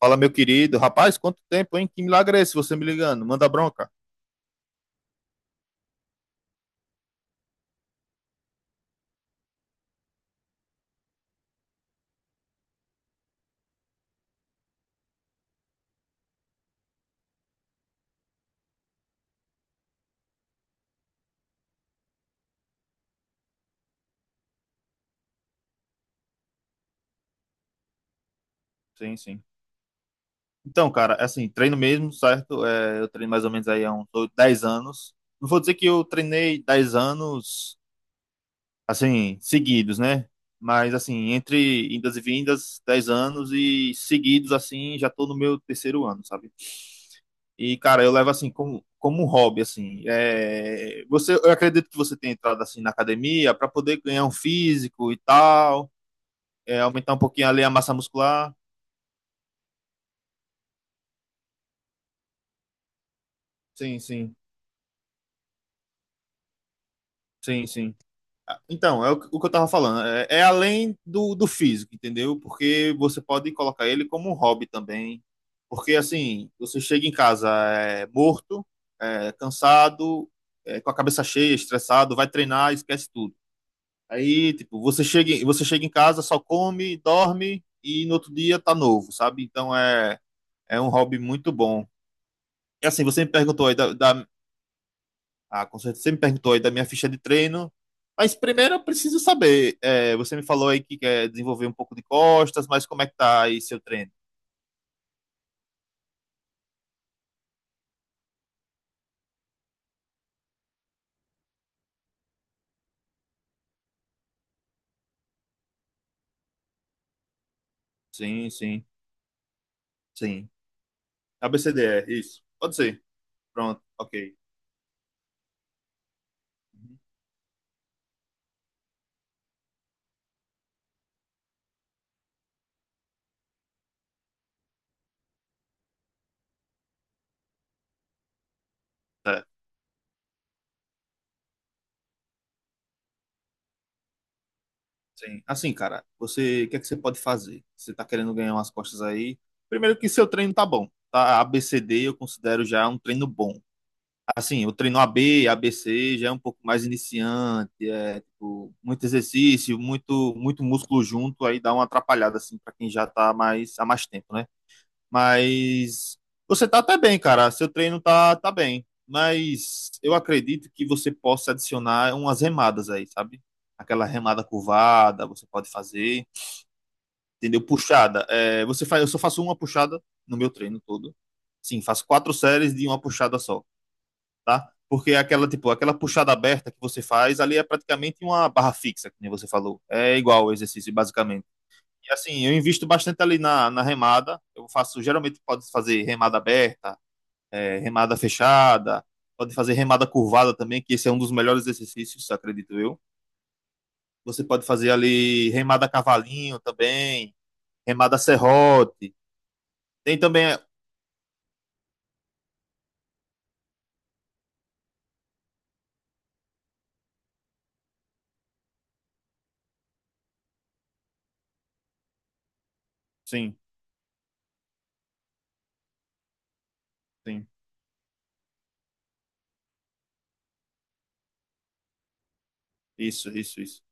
Fala, meu querido. Rapaz, quanto tempo, hein? Que milagre é esse você me ligando? Manda bronca. Sim, sim. Então, cara, assim, treino mesmo, certo? É, eu treino mais ou menos aí há uns oito, 10 anos. Não vou dizer que eu treinei 10 anos, assim, seguidos, né? Mas, assim, entre indas e vindas, 10 anos e seguidos, assim, já tô no meu terceiro ano, sabe? E, cara, eu levo assim como, como um hobby, assim. É, você, eu acredito que você tenha entrado assim na academia para poder ganhar um físico e tal. É, aumentar um pouquinho ali a massa muscular. Sim, sim, sim, sim. Ah, então, é o que eu tava falando. É além do físico, entendeu? Porque você pode colocar ele como um hobby também. Porque, assim, você chega em casa morto, cansado, com a cabeça cheia, estressado, vai treinar, esquece tudo. Aí, tipo, você chega em casa, só come, dorme e no outro dia tá novo, sabe? Então é, é um hobby muito bom. E assim, você me perguntou aí Ah, com certeza. Você me perguntou aí da minha ficha de treino. Mas primeiro eu preciso saber. É, você me falou aí que quer desenvolver um pouco de costas, mas como é que tá aí seu treino? Sim, sim, sim. ABCDE, isso. Pode ser. Pronto, ok. Uhum. Tá, sim. Assim, cara, o que é que você pode fazer? Você tá querendo ganhar umas costas aí? Primeiro que seu treino tá bom, tá? ABCD eu considero já um treino bom. Assim, o treino A B A B C já é um pouco mais iniciante, é tipo, muito exercício, muito muito músculo junto, aí dá uma atrapalhada assim para quem já tá mais há mais tempo, né? Mas você tá até bem, cara. Seu treino tá bem, mas eu acredito que você possa adicionar umas remadas aí, sabe? Aquela remada curvada, você pode fazer, entendeu? Puxada. É, você faz, eu só faço uma puxada no meu treino todo. Sim, faço quatro séries de uma puxada só, tá? Porque é aquela, tipo, aquela puxada aberta que você faz ali é praticamente uma barra fixa, que nem você falou. É igual o exercício, basicamente. E assim, eu invisto bastante ali na remada. Eu faço, geralmente pode fazer remada aberta, remada fechada, pode fazer remada curvada também, que esse é um dos melhores exercícios, acredito eu. Você pode fazer ali remada cavalinho também, remada serrote. Tem também. Sim, sim. Isso, isso, isso.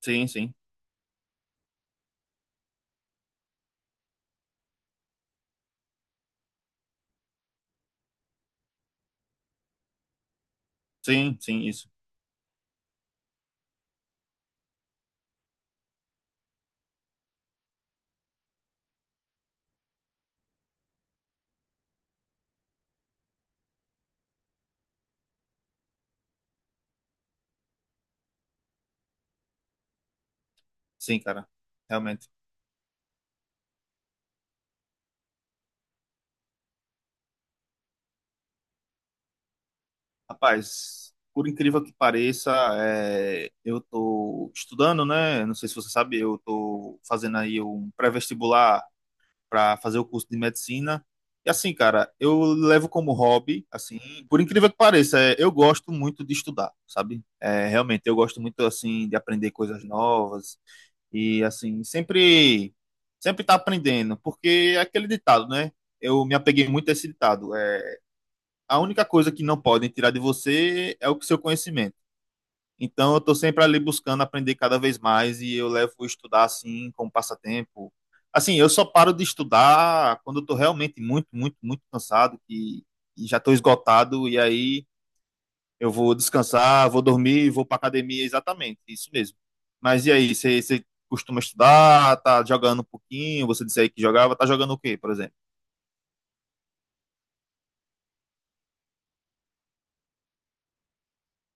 Sim, sim. Sim, sim, isso. Sim, cara. Realmente. Rapaz, por incrível que pareça, é, eu tô estudando, né? Não sei se você sabe, eu tô fazendo aí um pré-vestibular para fazer o curso de medicina. E assim, cara, eu levo como hobby, assim, por incrível que pareça, é, eu gosto muito de estudar, sabe? É, realmente, eu gosto muito, assim, de aprender coisas novas e, assim, sempre tá aprendendo, porque é aquele ditado, né? Eu me apeguei muito a esse ditado. A única coisa que não podem tirar de você é o seu conhecimento. Então, eu estou sempre ali buscando aprender cada vez mais e eu levo estudar assim como passatempo. Assim, eu só paro de estudar quando eu estou realmente muito, muito, muito cansado e já estou esgotado. E aí eu vou descansar, vou dormir, vou para academia, exatamente, isso mesmo. Mas e aí, você costuma estudar, tá jogando um pouquinho? Você disse aí que jogava, tá jogando o quê, por exemplo?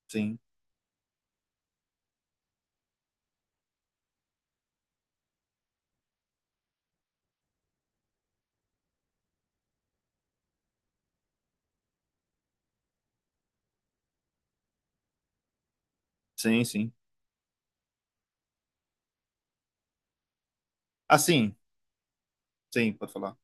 Sim, sim, sim. Assim, sim, pode falar.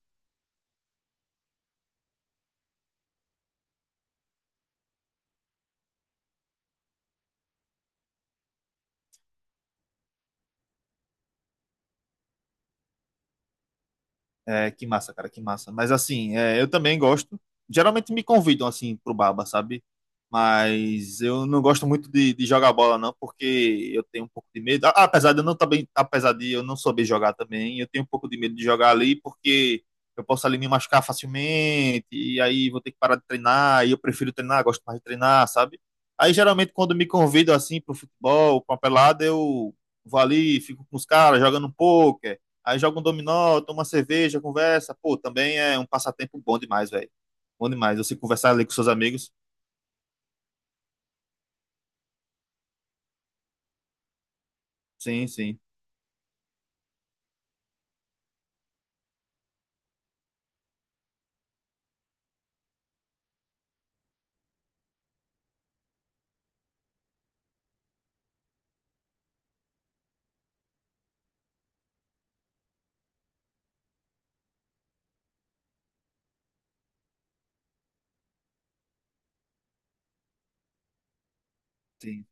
É, que massa, cara, que massa. Mas assim, é, eu também gosto. Geralmente me convidam assim pro baba, sabe? Mas eu não gosto muito de jogar bola, não, porque eu tenho um pouco de medo. A- Apesar de eu não também, apesar de eu não saber jogar também, eu tenho um pouco de medo de jogar ali, porque eu posso ali me machucar facilmente, e aí vou ter que parar de treinar, e eu prefiro treinar, gosto mais de treinar, sabe? Aí geralmente quando me convidam assim pro futebol, pra uma pelada, eu vou ali, fico com os caras, jogando um pouco. Aí joga um dominó, toma uma cerveja, conversa. Pô, também é um passatempo bom demais, velho. Bom demais. Você conversar ali com seus amigos. Sim, sim, sim.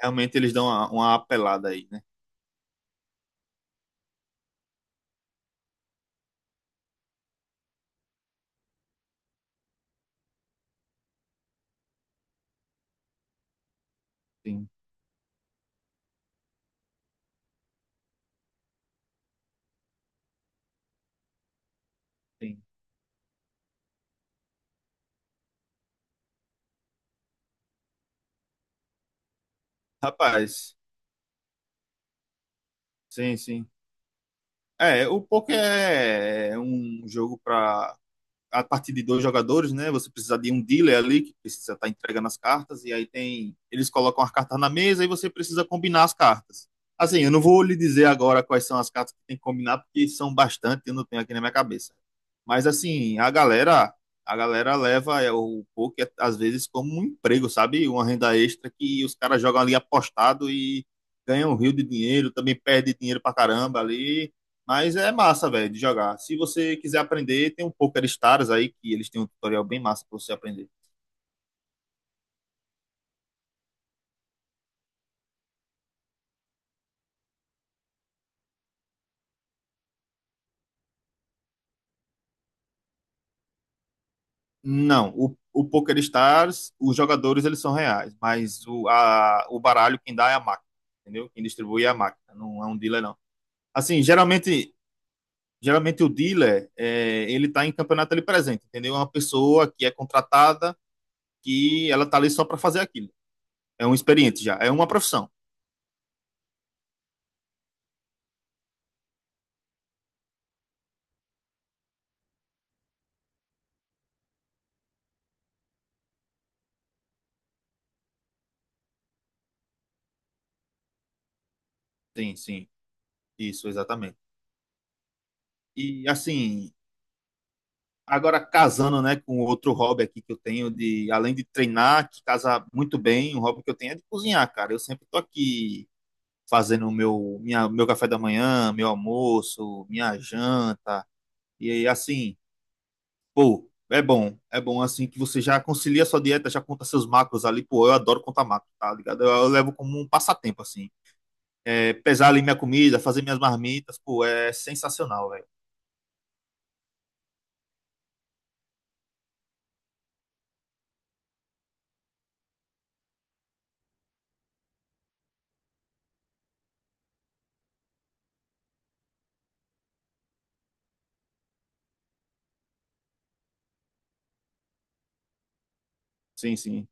Realmente eles dão uma apelada aí, né? Sim, sim. Rapaz, sim, sim. É, o poker é um jogo pra a partir de 2 jogadores, né? Você precisa de um dealer ali que precisa estar entregando as cartas e aí tem eles colocam as cartas na mesa e você precisa combinar as cartas. Assim, eu não vou lhe dizer agora quais são as cartas que tem que combinar porque são bastante, eu não tenho aqui na minha cabeça. Mas assim, a galera leva o poker às vezes como um emprego, sabe? Uma renda extra que os caras jogam ali apostado e ganham um rio de dinheiro, também perde dinheiro pra caramba ali, mas é massa, velho, de jogar. Se você quiser aprender, tem um Poker Stars aí, que eles têm um tutorial bem massa pra você aprender. Não, o Poker Stars, os jogadores, eles são reais, mas o baralho quem dá é a máquina, entendeu? Quem distribui é a máquina, não é um dealer, não. Assim, geralmente o dealer, ele tá em campeonato ali presente, entendeu? É uma pessoa que é contratada, que ela tá ali só para fazer aquilo. É um experiente já, é uma profissão. Sim, sim, isso, exatamente. E, assim, agora, casando né, com outro hobby aqui que eu tenho, de além de treinar, que casa muito bem, um hobby que eu tenho é de cozinhar, cara. Eu sempre tô aqui fazendo o meu café da manhã, meu almoço, minha janta. E aí, assim, pô, é bom. É bom assim que você já concilia a sua dieta, já conta seus macros ali. Pô, eu adoro contar macros, tá ligado? Eu levo como um passatempo, assim. É, pesar ali minha comida, fazer minhas marmitas, pô, é sensacional, velho. Sim, sim.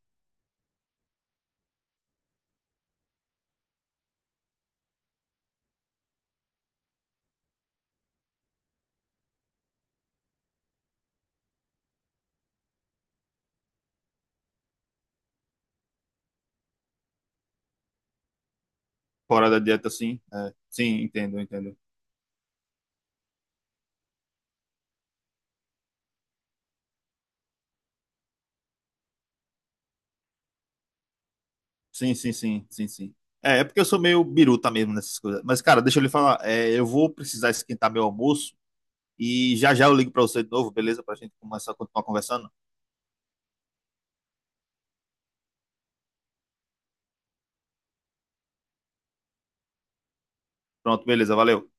Fora da dieta, sim. É, sim, entendo, entendo. Sim, sim, sim, sim, sim. É, é porque eu sou meio biruta mesmo nessas coisas. Mas, cara, deixa eu lhe falar. É, eu vou precisar esquentar meu almoço e já já eu ligo pra você de novo, beleza? Pra gente começar a continuar conversando. Pronto, beleza, valeu.